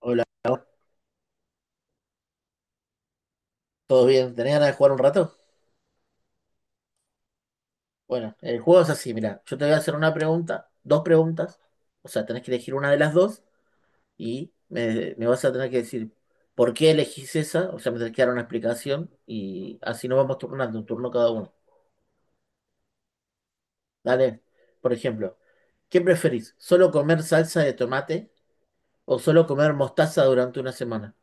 Hola, ¿todo bien? ¿Tenés ganas de jugar un rato? Bueno, el juego es así, mira, yo te voy a hacer una pregunta, dos preguntas, o sea, tenés que elegir una de las dos y me vas a tener que decir por qué elegís esa, o sea, me tenés que dar una explicación y así nos vamos turnando, un turno cada uno. Dale, por ejemplo, ¿qué preferís? ¿Solo comer salsa de tomate o solo comer mostaza durante una semana?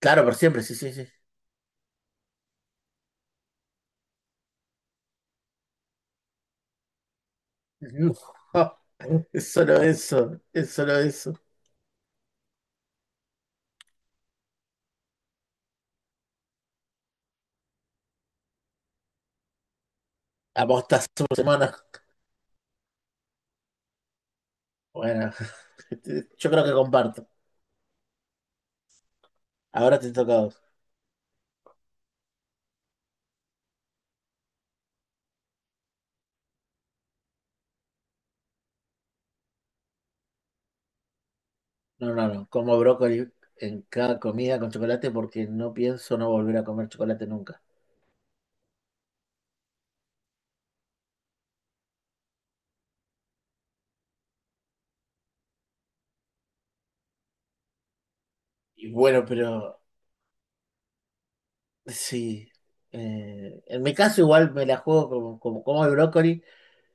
Claro, por siempre, sí, sí, sí. No, es solo eso, es solo eso. La mostaza por semana. Bueno, yo creo que comparto. Ahora te toca a vos. No, no, no. Como brócoli en cada comida con chocolate porque no pienso no volver a comer chocolate nunca. Y bueno, pero sí. En mi caso igual me la juego como, como el brócoli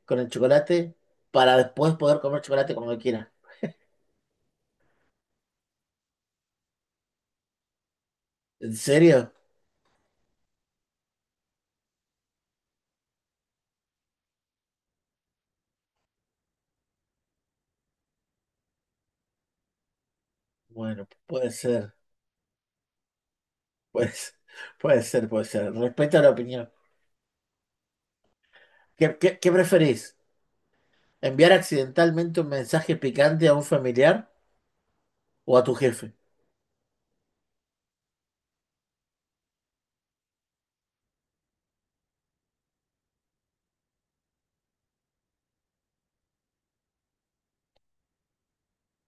con el chocolate para después poder comer chocolate cuando quiera. ¿En serio? Bueno, puede ser. Pues, puede ser, puede ser. Respeto a la opinión. ¿Qué preferís? ¿Enviar accidentalmente un mensaje picante a un familiar o a tu jefe?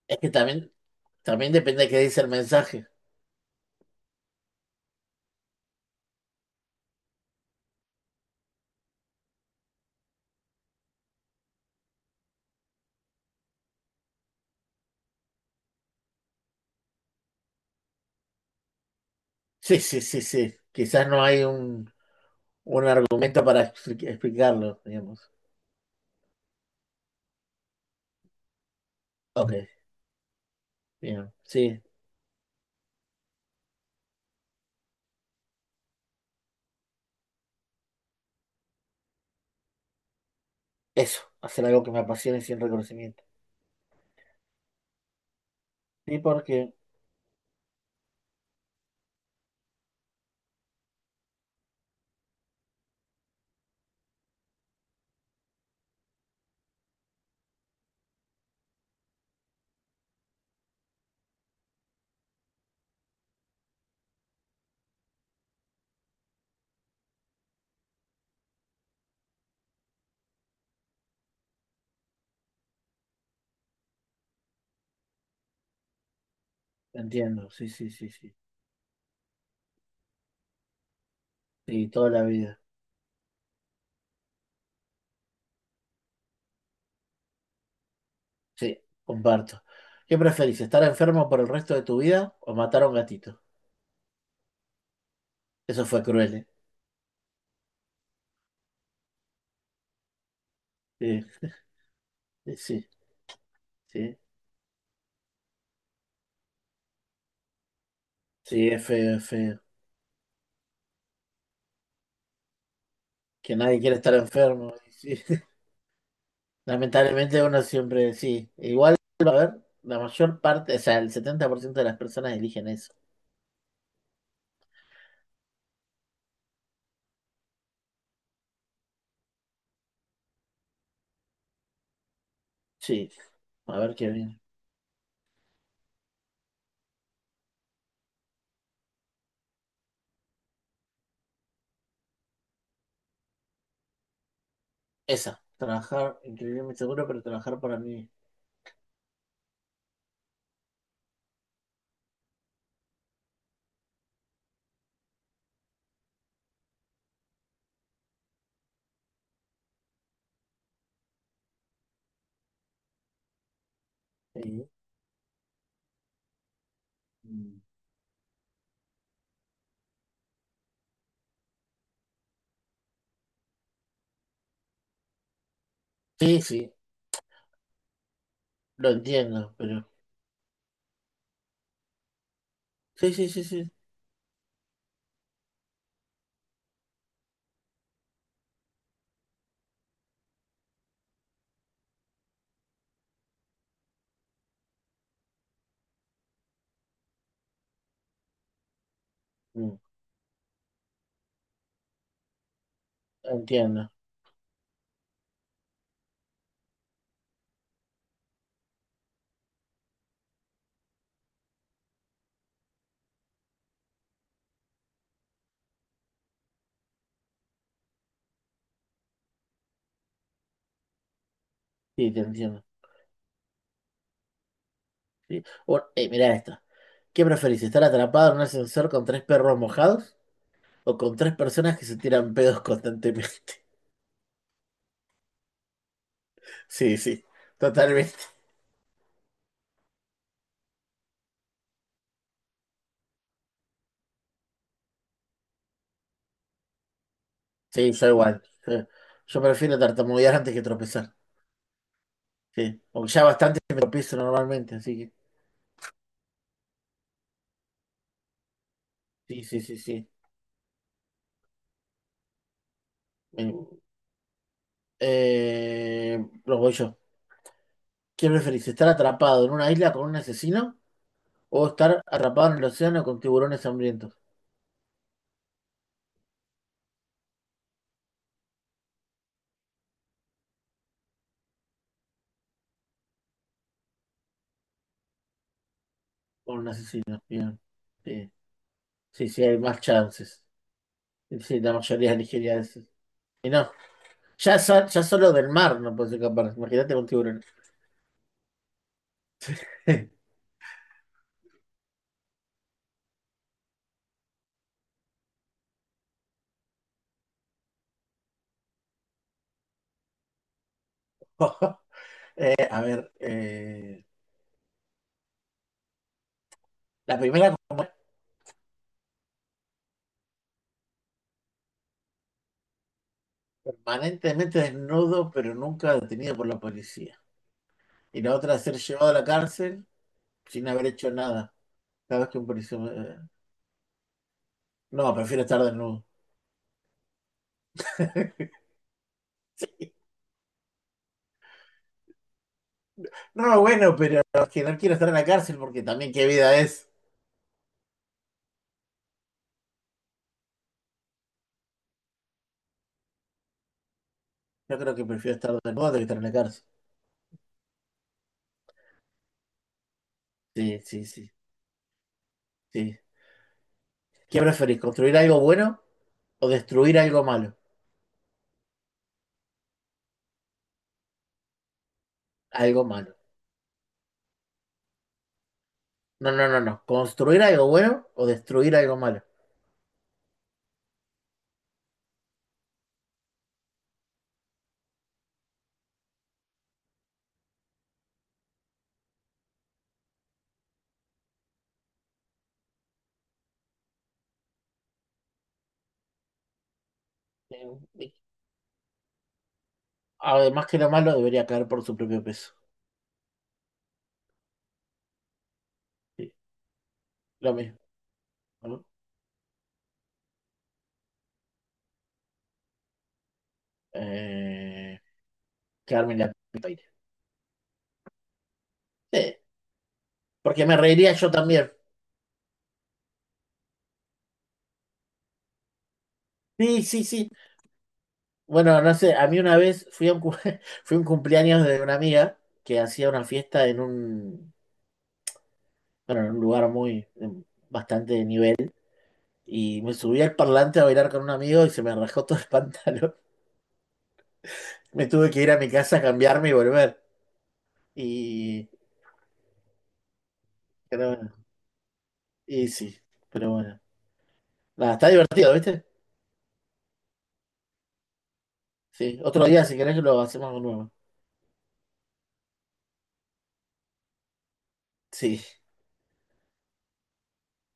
Es que también, también depende de qué dice el mensaje. Sí, sí, sí, sí. Quizás no hay un argumento para explicarlo, digamos. Ok, bien. Sí, eso, hacer algo que me apasione sin reconocimiento. Sí, porque entiendo, sí, sí, sí, sí. Sí, toda la vida. Sí, comparto. ¿Qué preferís, estar enfermo por el resto de tu vida o matar a un gatito? Eso fue cruel, ¿eh? Sí, sí, sí. Sí, sí, es feo, es feo. Que nadie quiere estar enfermo. Sí. Lamentablemente uno siempre, sí. Igual, a ver, la mayor parte, o sea, el 70% de las personas eligen eso. Sí, a ver qué bien. Esa, trabajar increíblemente seguro, pero trabajar para mí. Sí, mm, sí, sí, lo entiendo, pero... Sí, sí, sí, sí. Mm, entiendo, sí, te entiendo. Sí. Mirá esta. ¿Qué preferís, estar atrapado en un ascensor con tres perros mojados o con tres personas que se tiran pedos constantemente? Sí, sí, totalmente. Sí, yo igual. Yo, yo prefiero tartamudear antes que tropezar. Sí. Porque ya bastante me tropiezo normalmente, así que. Sí, sí, sí, sí. Eh, eh, lo voy yo. ¿Qué preferís? ¿Estar atrapado en una isla con un asesino o estar atrapado en el océano con tiburones hambrientos? Con un asesino. Bien. Sí, sí, sí, hay más chances. Sí, la mayoría elegiría eso. Y no, ya, ya solo del mar no puedes escapar. Imagínate con tiburones. Eh, a ver, eh, la primera. Permanentemente desnudo, pero nunca detenido por la policía. Y la otra, ser llevado a la cárcel sin haber hecho nada. Cada vez que un policía... no, prefiero estar desnudo. Sí. No, bueno, pero es que no quiero estar en la cárcel porque también qué vida es. Yo creo que prefiero estar desnudo que estar en la cárcel. Sí, sí, sí, sí. ¿Qué preferís? ¿Construir algo bueno o destruir algo malo? Algo malo. No, no, no, no. ¿Construir algo bueno o destruir algo malo? Eh, Además que lo malo debería caer por su propio peso. Sí, lo mismo. ¿No? Eh, Quedarme en la puta vida. Sí, porque me reiría yo también. Sí, sí, sí. Bueno, no sé, a mí una vez fui a un, cu- fui a un cumpleaños de una amiga que hacía una fiesta en un, bueno, en un lugar muy, en bastante nivel, y me subí al parlante a bailar con un amigo y se me rajó todo el pantalón. Me tuve que ir a mi casa a cambiarme y volver. Y, pero bueno, y sí, pero bueno. Nada, está divertido, ¿viste? Sí, otro día si querés lo hacemos de nuevo. Sí,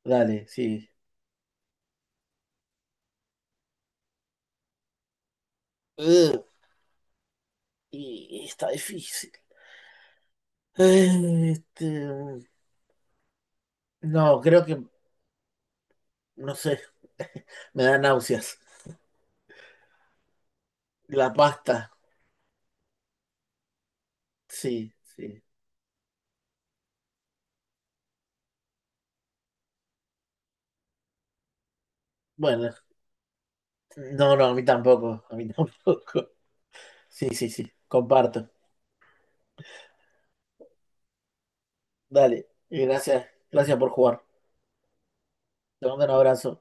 dale, sí. Ugh, y está difícil. Eh, Este, no, creo que, no sé, me da náuseas. La pasta, sí, sí. Bueno, no, no, a mí tampoco, a mí tampoco. Sí, sí, sí, comparto. Dale, y gracias, gracias por jugar. Te mando un abrazo.